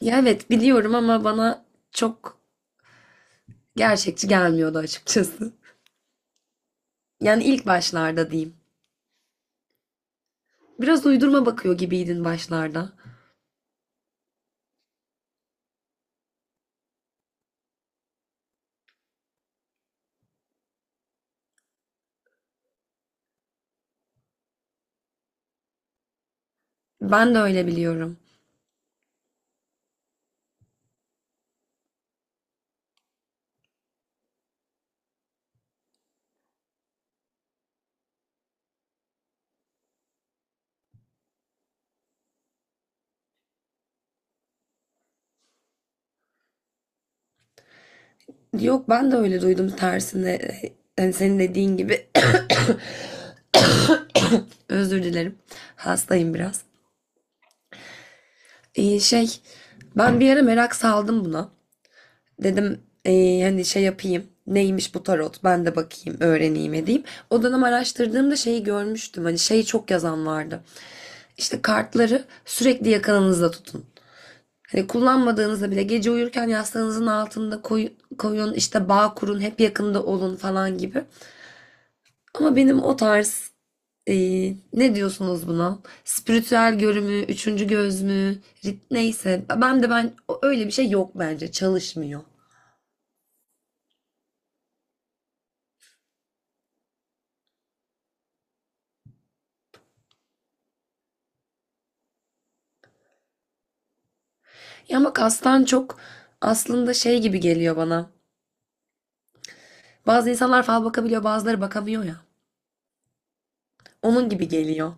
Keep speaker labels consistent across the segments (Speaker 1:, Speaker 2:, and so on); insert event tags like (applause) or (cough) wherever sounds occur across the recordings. Speaker 1: Ya evet biliyorum ama bana çok gerçekçi gelmiyordu açıkçası. Yani ilk başlarda diyeyim. Biraz uydurma bakıyor gibiydin başlarda. Ben de öyle biliyorum. Yok ben de öyle duydum tersine. Yani senin dediğin gibi. (coughs) Özür dilerim. Hastayım biraz. Ee, şey Ben bir ara merak saldım buna. Dedim hani şey yapayım. Neymiş bu tarot? Ben de bakayım, öğreneyim edeyim. O dönem araştırdığımda şeyi görmüştüm. Hani şeyi çok yazan vardı. İşte kartları sürekli yakınınızda tutun. Hani kullanmadığınızda bile gece uyurken yastığınızın altında koyun, işte bağ kurun, hep yakında olun falan gibi. Ama benim o tarz ne diyorsunuz buna? Spiritüel görümü, üçüncü göz mü, neyse. Ben öyle bir şey yok bence. Çalışmıyor. Ya ama kastan çok aslında şey gibi geliyor bana. Bazı insanlar fal bakabiliyor, bazıları bakamıyor ya. Onun gibi geliyor.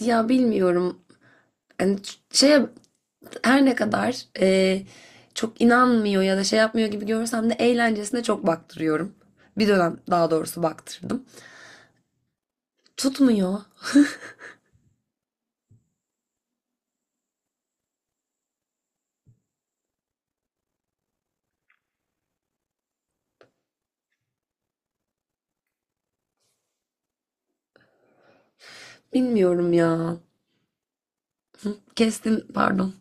Speaker 1: Ya bilmiyorum. Yani şeye her ne kadar çok inanmıyor ya da şey yapmıyor gibi görsem de eğlencesine çok baktırıyorum. Bir dönem daha doğrusu baktırdım. Tutmuyor. Bilmiyorum ya. Kestim pardon.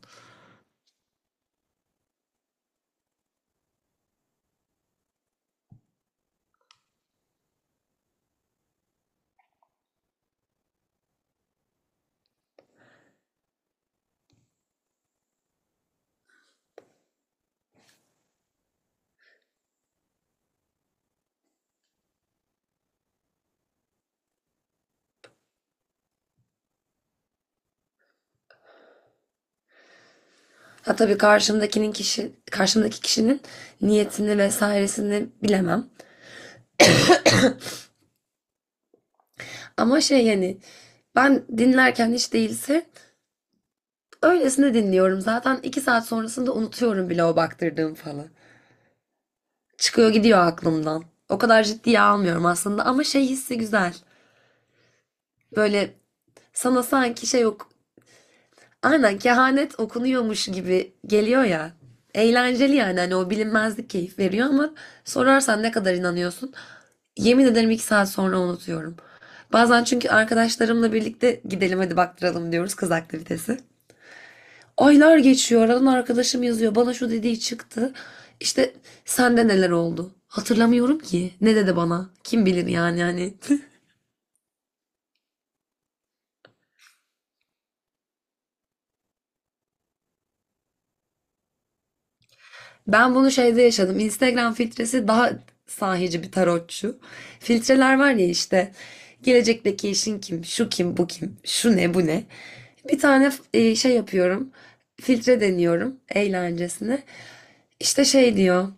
Speaker 1: Ha tabii karşımdaki kişinin niyetini vesairesini bilemem. Ama şey yani ben dinlerken hiç değilse öylesine dinliyorum, zaten iki saat sonrasında unutuyorum bile o baktırdığım falı. Çıkıyor gidiyor aklımdan. O kadar ciddiye almıyorum aslında ama şey hissi güzel. Böyle sana sanki şey yok. Aynen kehanet okunuyormuş gibi geliyor ya. Eğlenceli yani hani o bilinmezlik keyif veriyor ama sorarsan ne kadar inanıyorsun? Yemin ederim iki saat sonra unutuyorum. Bazen çünkü arkadaşlarımla birlikte gidelim hadi baktıralım diyoruz, kız aktivitesi. Aylar geçiyor. Aradan arkadaşım yazıyor. Bana şu dediği çıktı. İşte sende neler oldu? Hatırlamıyorum ki. Ne dedi bana? Kim bilir yani hani. (laughs) Ben bunu şeyde yaşadım. Instagram filtresi daha sahici bir tarotçu. Filtreler var ya işte. Gelecekteki eşin kim? Şu kim? Bu kim? Şu ne? Bu ne? Bir tane şey yapıyorum. Filtre deniyorum eğlencesine. İşte şey diyor.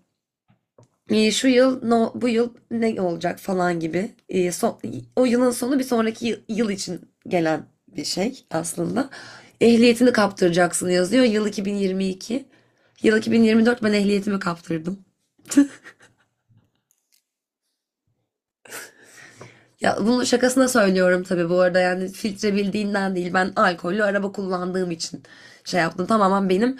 Speaker 1: Şu yıl no, bu yıl ne olacak falan gibi, o yılın sonu bir sonraki yıl için gelen bir şey aslında. Ehliyetini kaptıracaksın yazıyor. Yıl 2022. Yıl 2024 ben ehliyetimi kaptırdım. Ya bunu şakasına söylüyorum tabii bu arada, yani filtre bildiğinden değil, ben alkollü araba kullandığım için şey yaptım. Tamamen benim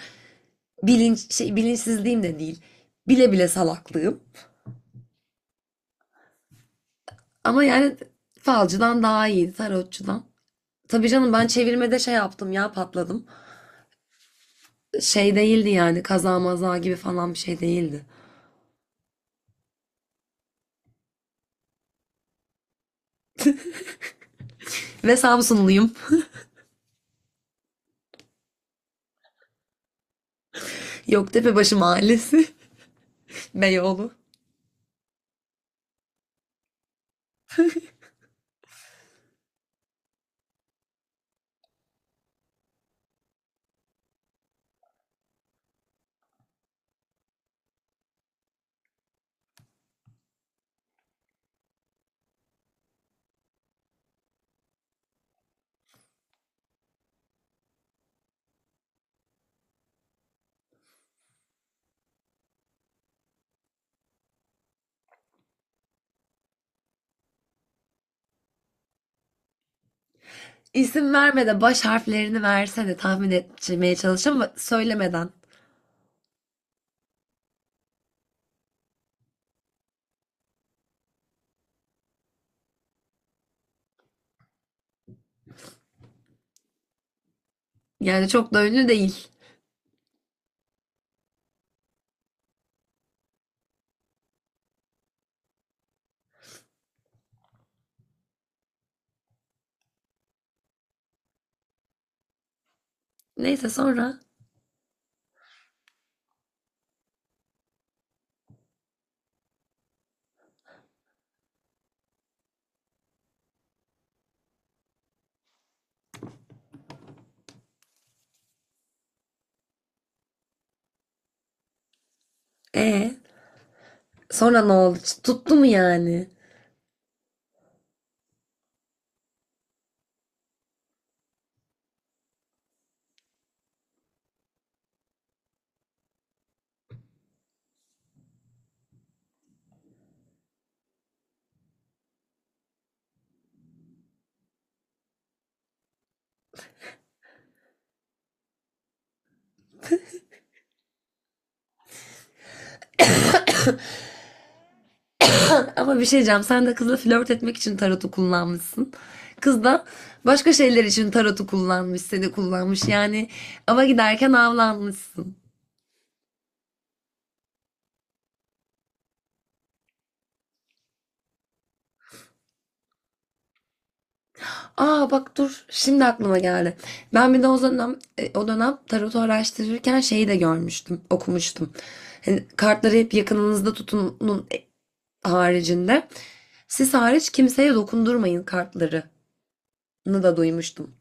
Speaker 1: bilinçsizliğim de değil. Bile bile salaklığım. Ama yani falcıdan daha iyiydi, tarotçudan. Tabii canım ben çevirmede şey yaptım ya, patladım. Şey değildi yani, kaza maza gibi falan bir şey değildi. Ve Samsunluyum. (laughs) Yoktepebaşı Mahallesi, (laughs) Beyoğlu. İsim verme, de baş harflerini verse de tahmin etmeye çalışacağım ama söylemeden. Yani çok da ünlü değil. Neyse sonra. E sonra ne oldu? Tuttu mu yani? Ama bir şey diyeceğim. Sen de kızla flört etmek için tarotu kullanmışsın. Kız da başka şeyler için tarotu kullanmış, seni kullanmış. Yani ava giderken avlanmışsın. Aa bak dur. Şimdi aklıma geldi. Ben bir de o dönem, o dönem tarotu araştırırken şeyi de görmüştüm, okumuştum. Hani kartları hep yakınınızda tutunun haricinde. Siz hariç kimseye dokundurmayın kartlarını da duymuştum.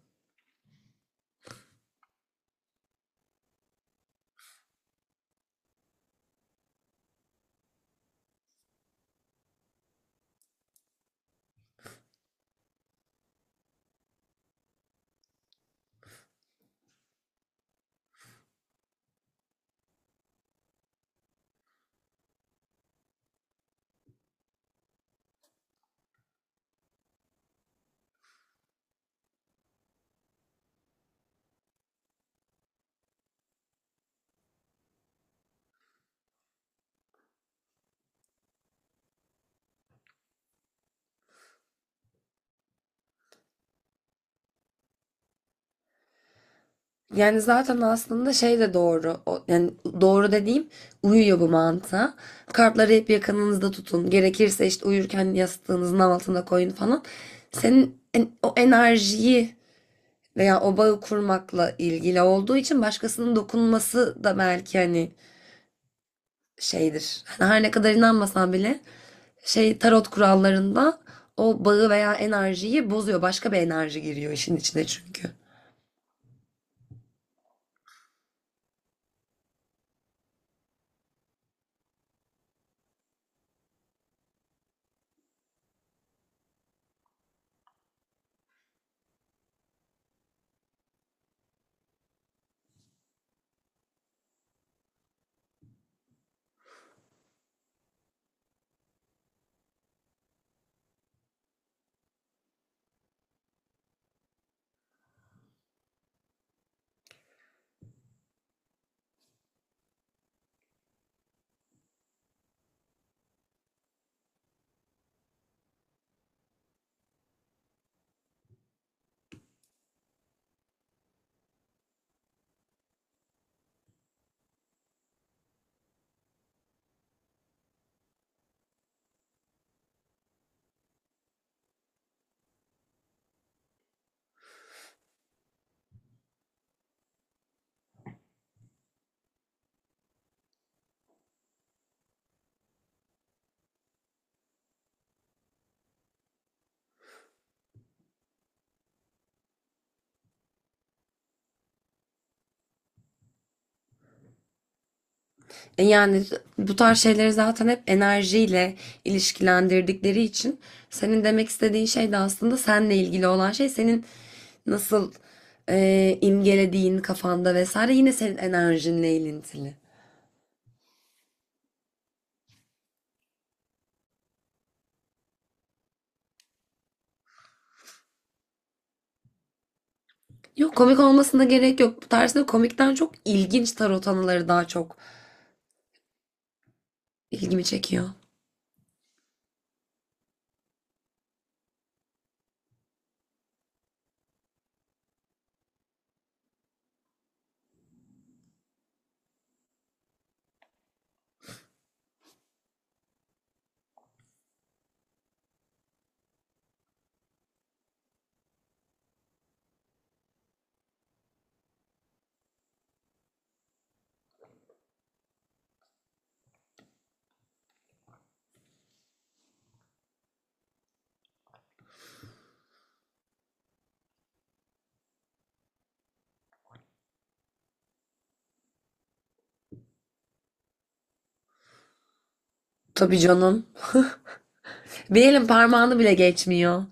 Speaker 1: Yani zaten aslında şey de doğru. O, yani doğru dediğim, uyuyor bu mantığa. Kartları hep yakınınızda tutun. Gerekirse işte uyurken yastığınızın altına koyun falan. Senin o enerjiyi veya o bağı kurmakla ilgili olduğu için başkasının dokunması da belki hani şeydir. Hani her ne kadar inanmasan bile şey tarot kurallarında o bağı veya enerjiyi bozuyor. Başka bir enerji giriyor işin içine çünkü. Yani bu tarz şeyleri zaten hep enerjiyle ilişkilendirdikleri için, senin demek istediğin şey de aslında seninle ilgili olan şey senin nasıl imgelediğin kafanda vesaire, yine senin enerjinle ilintili. Yok komik olmasına gerek yok. Bu tarzda komikten çok ilginç tarot anıları daha çok ilgimi çekiyor. Tabii canım. Bir elin parmağını bile geçmiyor.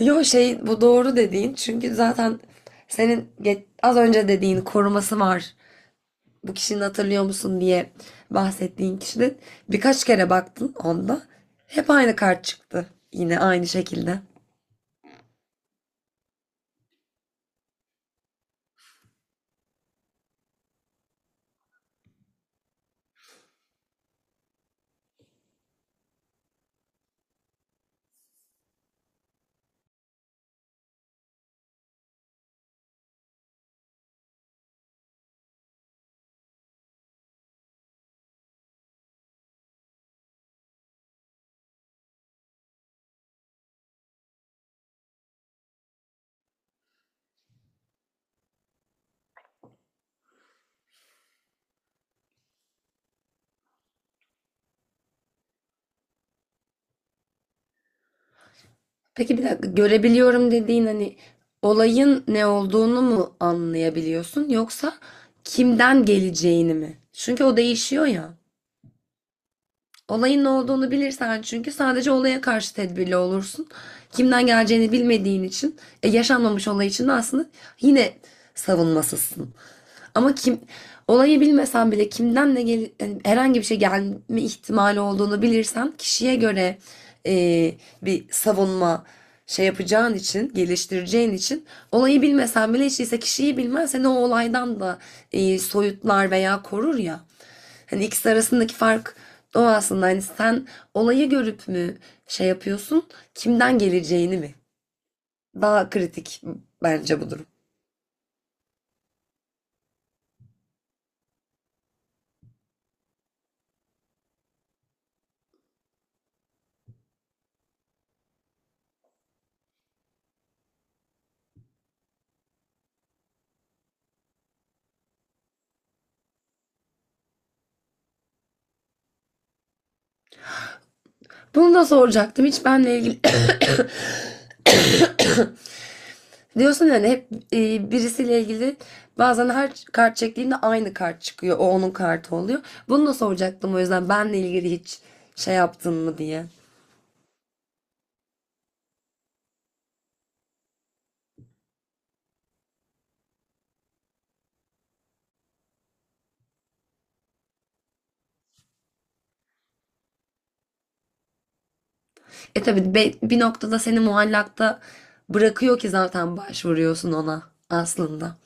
Speaker 1: Yo şey bu doğru dediğin çünkü zaten senin az önce dediğin koruması var, bu kişinin hatırlıyor musun diye bahsettiğin kişinin. Birkaç kere baktın onda. Hep aynı kart çıktı. Yine aynı şekilde. Peki bir dakika, görebiliyorum dediğin hani olayın ne olduğunu mu anlayabiliyorsun yoksa kimden geleceğini mi? Çünkü o değişiyor ya. Olayın ne olduğunu bilirsen hani çünkü sadece olaya karşı tedbirli olursun. Kimden geleceğini bilmediğin için yaşanmamış olay için de aslında yine savunmasızsın. Ama kim olayı bilmesen bile kimden de gel, yani herhangi bir şey gelme ihtimali olduğunu bilirsen kişiye göre bir savunma şey yapacağın için, geliştireceğin için, olayı bilmesen bile hiç değilse kişiyi bilmen seni o olaydan da soyutlar veya korur ya. Hani ikisi arasındaki fark o aslında. Hani sen olayı görüp mü şey yapıyorsun, kimden geleceğini mi? Daha kritik bence bu durum. Bunu da soracaktım. Hiç benle ilgili (coughs) (laughs) diyorsun yani hep birisiyle ilgili bazen her kart çektiğimde aynı kart çıkıyor. O onun kartı oluyor. Bunu da soracaktım o yüzden, benle ilgili hiç şey yaptın mı diye. E tabii bir noktada seni muallakta bırakıyor ki zaten başvuruyorsun ona aslında.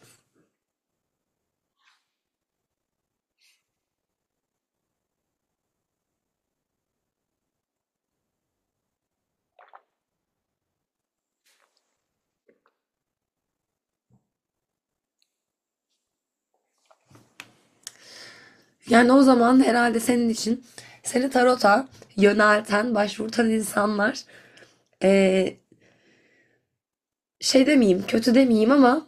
Speaker 1: Yani o zaman herhalde senin için seni tarota yönelten, başvurtan insanlar e, şey demeyeyim, kötü demeyeyim ama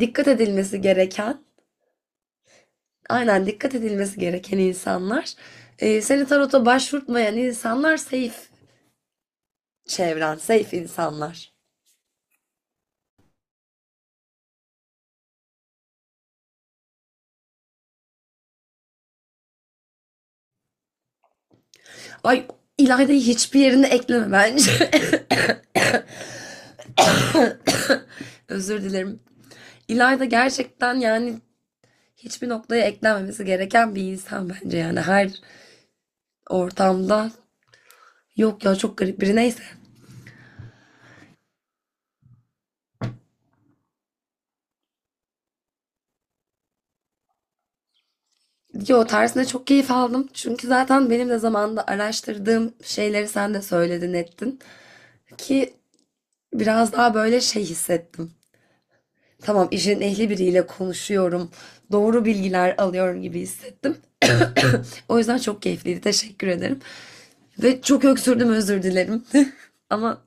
Speaker 1: dikkat edilmesi gereken, aynen dikkat edilmesi gereken insanlar, seni tarota başvurtmayan insanlar safe çevren, safe insanlar. Ay, İlayda'yı hiçbir yerine ekleme bence. (coughs) Özür dilerim. İlayda gerçekten yani hiçbir noktaya eklenmemesi gereken bir insan bence, yani her ortamda, yok ya çok garip biri, neyse. Yo tersine çok keyif aldım. Çünkü zaten benim de zamanında araştırdığım şeyleri sen de söyledin ettin. Ki biraz daha böyle şey hissettim. Tamam, işin ehli biriyle konuşuyorum, doğru bilgiler alıyorum gibi hissettim. O yüzden çok keyifliydi. Teşekkür ederim. Ve çok öksürdüm, özür dilerim. (laughs) Ama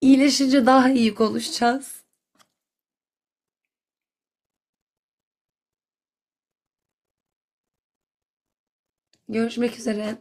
Speaker 1: iyileşince daha iyi konuşacağız. Görüşmek üzere.